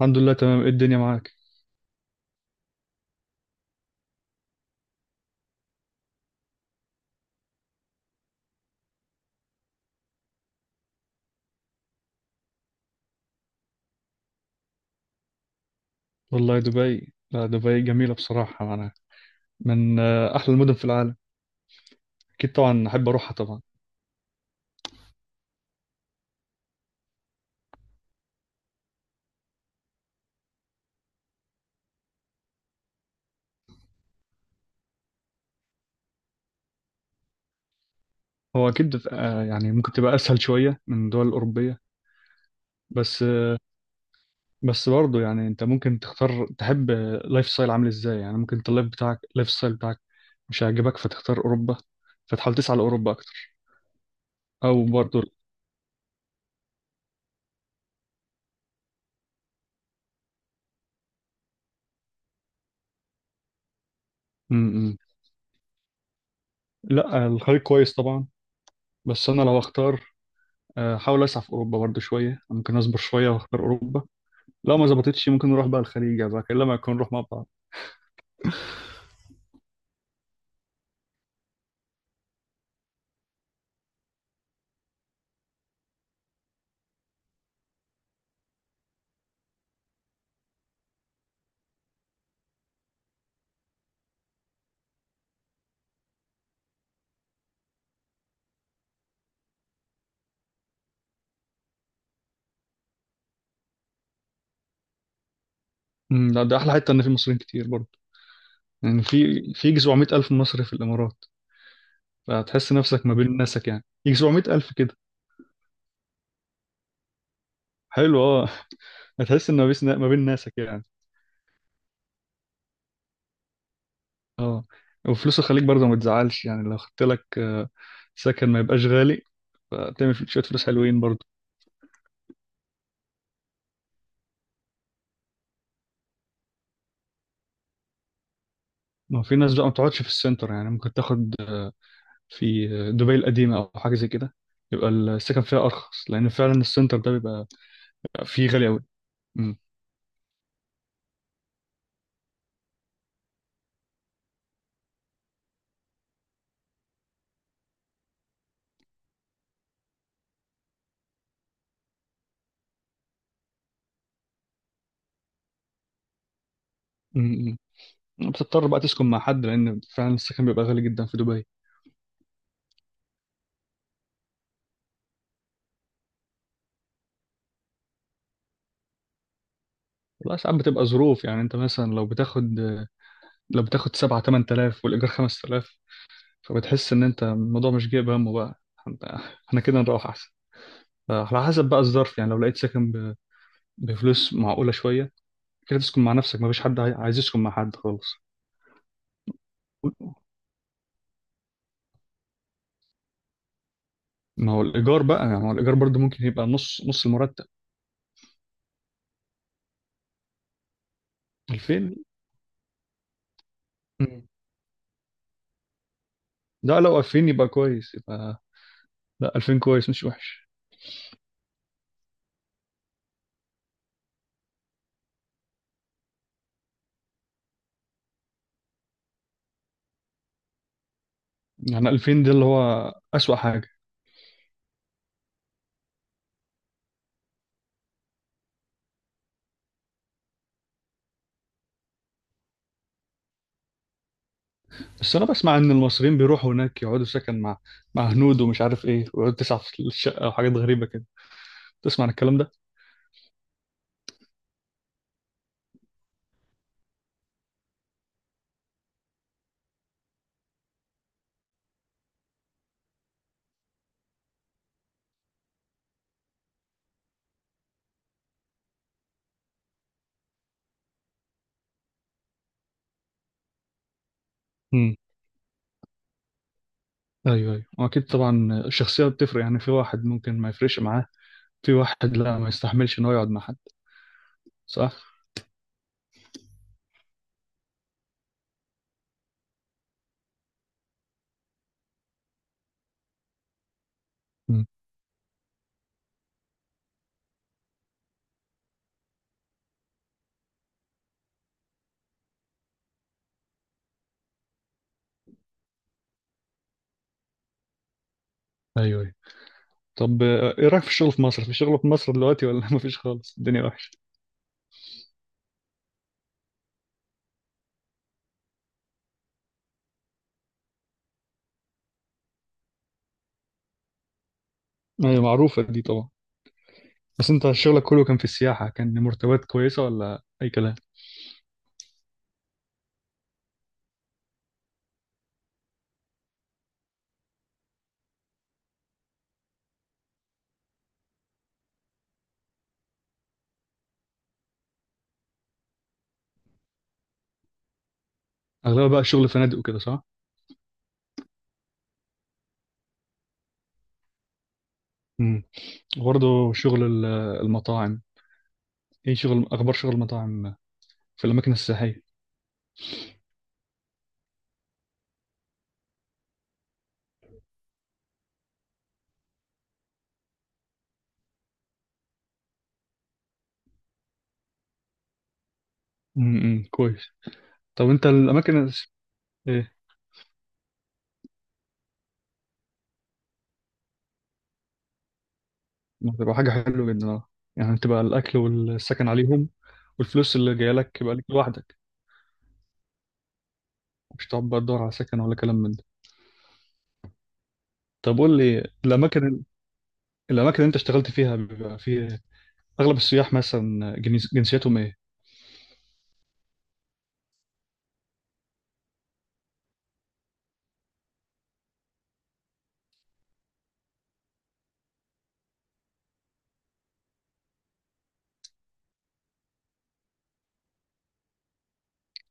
الحمد لله تمام، ايه الدنيا معاك؟ والله، دبي، لا، دبي جميلة بصراحة، معناها من أحلى المدن في العالم. أكيد طبعا أحب أروحها طبعا. هو أكيد يعني ممكن تبقى أسهل شوية من الدول الأوروبية. بس آه، بس برضه، يعني أنت ممكن تختار تحب لايف ستايل عامل إزاي. يعني ممكن أنت اللايف بتاعك، لايف ستايل بتاعك مش هيعجبك فتختار أوروبا، فتحاول تسعى لأوروبا أكتر. أو برضه. م- م. لا، الخليج كويس طبعا. بس أنا لو أختار، أحاول أسعى في أوروبا برضه شوية، ممكن أصبر شوية وأختار أوروبا. لو ما ظبطتش ممكن نروح بقى الخليج يا زكي، الا ما يكون نروح مع بعض. لا، ده احلى حته ان في مصريين كتير برضه. يعني في يجي 700 الف مصري في الامارات، فهتحس نفسك ما بين ناسك. يعني يجي 700 الف كده. حلو، اه. هتحس ان ما بين ناسك يعني. اه، وفلوس الخليج برضه ما تزعلش. يعني لو خدت لك سكن ما يبقاش غالي، فتعمل شويه فلوس حلوين برضه. ما هو في ناس بقى ما بتقعدش في السنتر. يعني ممكن تاخد في دبي القديمه او حاجه زي كده، يبقى السكن فيها ارخص، لان فعلا السنتر ده بيبقى فيه غالي قوي. م- م. بتضطر بقى تسكن مع حد، لان فعلا السكن بيبقى غالي جدا في دبي. والله ساعات بتبقى ظروف. يعني انت مثلا لو بتاخد 7 8000 والايجار 5000، فبتحس ان انت الموضوع مش جايب همه بقى. انت- احنا كده نروح احسن. فعلى حسب بقى الظرف. يعني لو لقيت سكن بفلوس معقولة شوية، كده تسكن مع نفسك. مفيش حد عايز يسكن مع حد خالص. ما هو الإيجار بقى، يعني هو الإيجار برضه ممكن يبقى نص نص المرتب. 2000. مم. لا، لو 2000 يبقى كويس يبقى. لا، 2000 كويس مش وحش. يعني 2000 ده اللي هو أسوأ حاجة. بس أنا بسمع إن المصريين بيروحوا هناك يقعدوا سكن مع هنود ومش عارف إيه، ويقعدوا تسعة في الشقة وحاجات غريبة كده. تسمع عن الكلام ده؟ امم. أيوه، أيوه، وأكيد طبعا الشخصية بتفرق. يعني في واحد ممكن ما يفرقش معاه، في واحد لا، ما يستحملش إن هو يقعد مع حد. صح؟ امم. أيوه، أيوه. طب، إيه رأيك في الشغل في مصر؟ في شغل في مصر دلوقتي ولا مفيش خالص؟ الدنيا وحشة. أيوه، معروفة دي طبعا. بس أنت شغلك كله كان في السياحة، كان مرتبات كويسة ولا أي كلام؟ أغلبها بقى شغل فنادق وكده، صح؟ برضه شغل المطاعم. ايه شغل، اخبار شغل المطاعم في الاماكن السياحيه. امم، كويس. طب انت الاماكن ايه. ما تبقى حاجه حلوه جدا، اه. يعني تبقى الاكل والسكن عليهم، والفلوس اللي جايه لك يبقى ليك لوحدك. مش تقعد بقى تدور على سكن ولا كلام من ده. طب قول لي، الاماكن الاماكن اللي انت اشتغلت فيها بيبقى فيه اغلب السياح مثلا جنسيتهم ايه.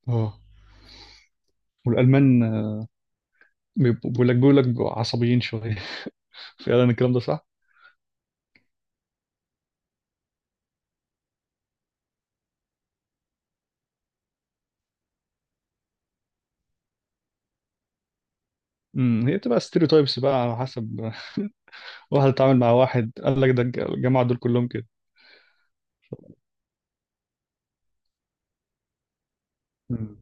اه، والالمان بيقول لك بيبقوا عصبيين شويه. فعلا الكلام ده صح. امم، هي بتبقى ستيريوتايبس بقى، على حسب واحد اتعامل مع واحد قال لك ده الجماعة دول كلهم كده. مم.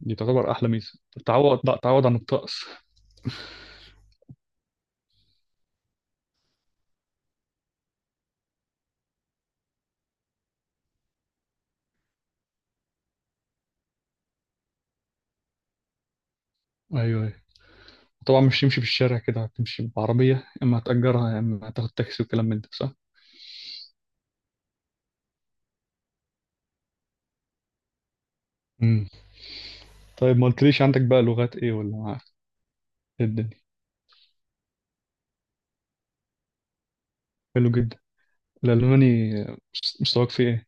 دي تعتبر أحلى ميزة، تعوض بقى، تعوض عن الطقس. ايوه، ايوه، طبعا مش تمشي في الشارع كده، هتمشي بعربية يا إما هتأجرها يا إما هتاخد تاكسي وكلام من ده، صح؟ مم. طيب، ما قلتليش عندك بقى لغات إيه، ولا معاك إيه الدنيا؟ حلو جدا. الألماني مستواك فيه إيه؟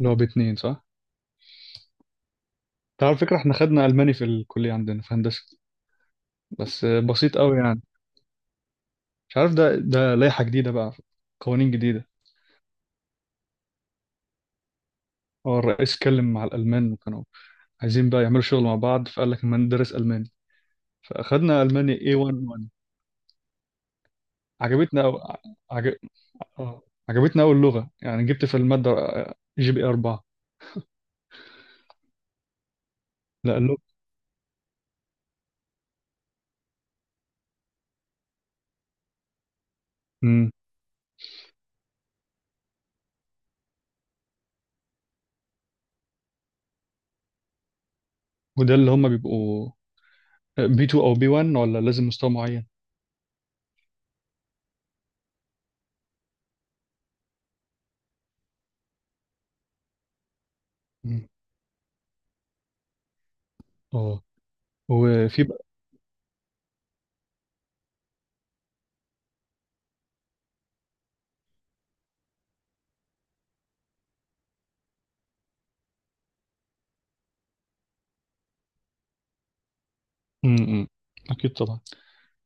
اللي هو باتنين صح؟ أنت على فكرة إحنا خدنا ألماني في الكلية عندنا في هندسة. بس بسيط قوي يعني. مش عارف، ده لائحة جديدة بقى، قوانين جديدة. هو الرئيس اتكلم مع الألمان وكانوا عايزين بقى يعملوا شغل مع بعض، فقال لك ما ندرس الماني، فاخدنا الماني A11. عجبتنا أو... عجب... آه، عجبتنا اول لغه. يعني جبت في الماده جي بي 4. لا، اللغه. امم وده اللي هم بيبقوا بي 2 او بي 1 ولا لازم مستوى معين. مم. اه، وفي بقى. امم، اكيد طبعا.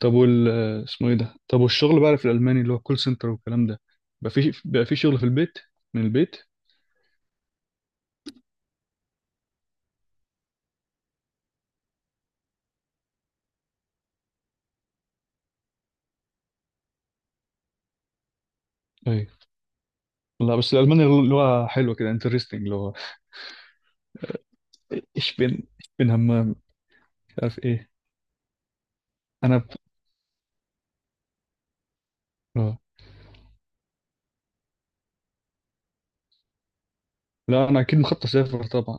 طب، وال اسمه ايه ده، طب والشغل بقى في الالماني اللي هو كول سنتر والكلام ده، بقى في شغل في البيت، من البيت. ايوه. لا، بس الالماني اللغه حلوه كده، انترستنج اللي هو ich bin, ich bin همام، مش عارف ايه. انا ب... آه. لا، انا اكيد مخطط اسافر طبعا.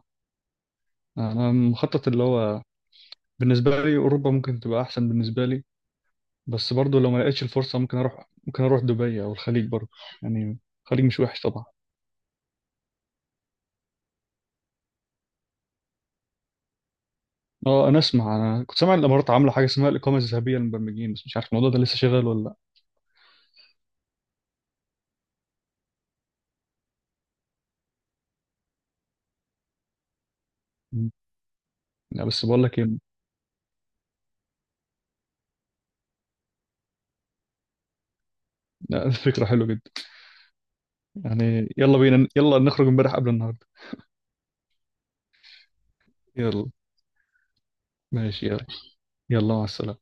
انا مخطط اللي هو بالنسبه لي اوروبا ممكن تبقى احسن بالنسبه لي. بس برضو لو ما لقيتش الفرصه، ممكن اروح دبي او الخليج برضو. يعني الخليج مش وحش طبعا. اه، انا كنت سامع الامارات عامله حاجه اسمها الاقامه الذهبيه للمبرمجين، بس مش عارف الموضوع ده لسه شغال ولا لا. مم. لا، بس بقول لك ايه. لا، فكره حلوه جدا. يعني يلا بينا، يلا نخرج امبارح قبل النهارده. يلا. ماشي، يلا. يلا، مع السلامه.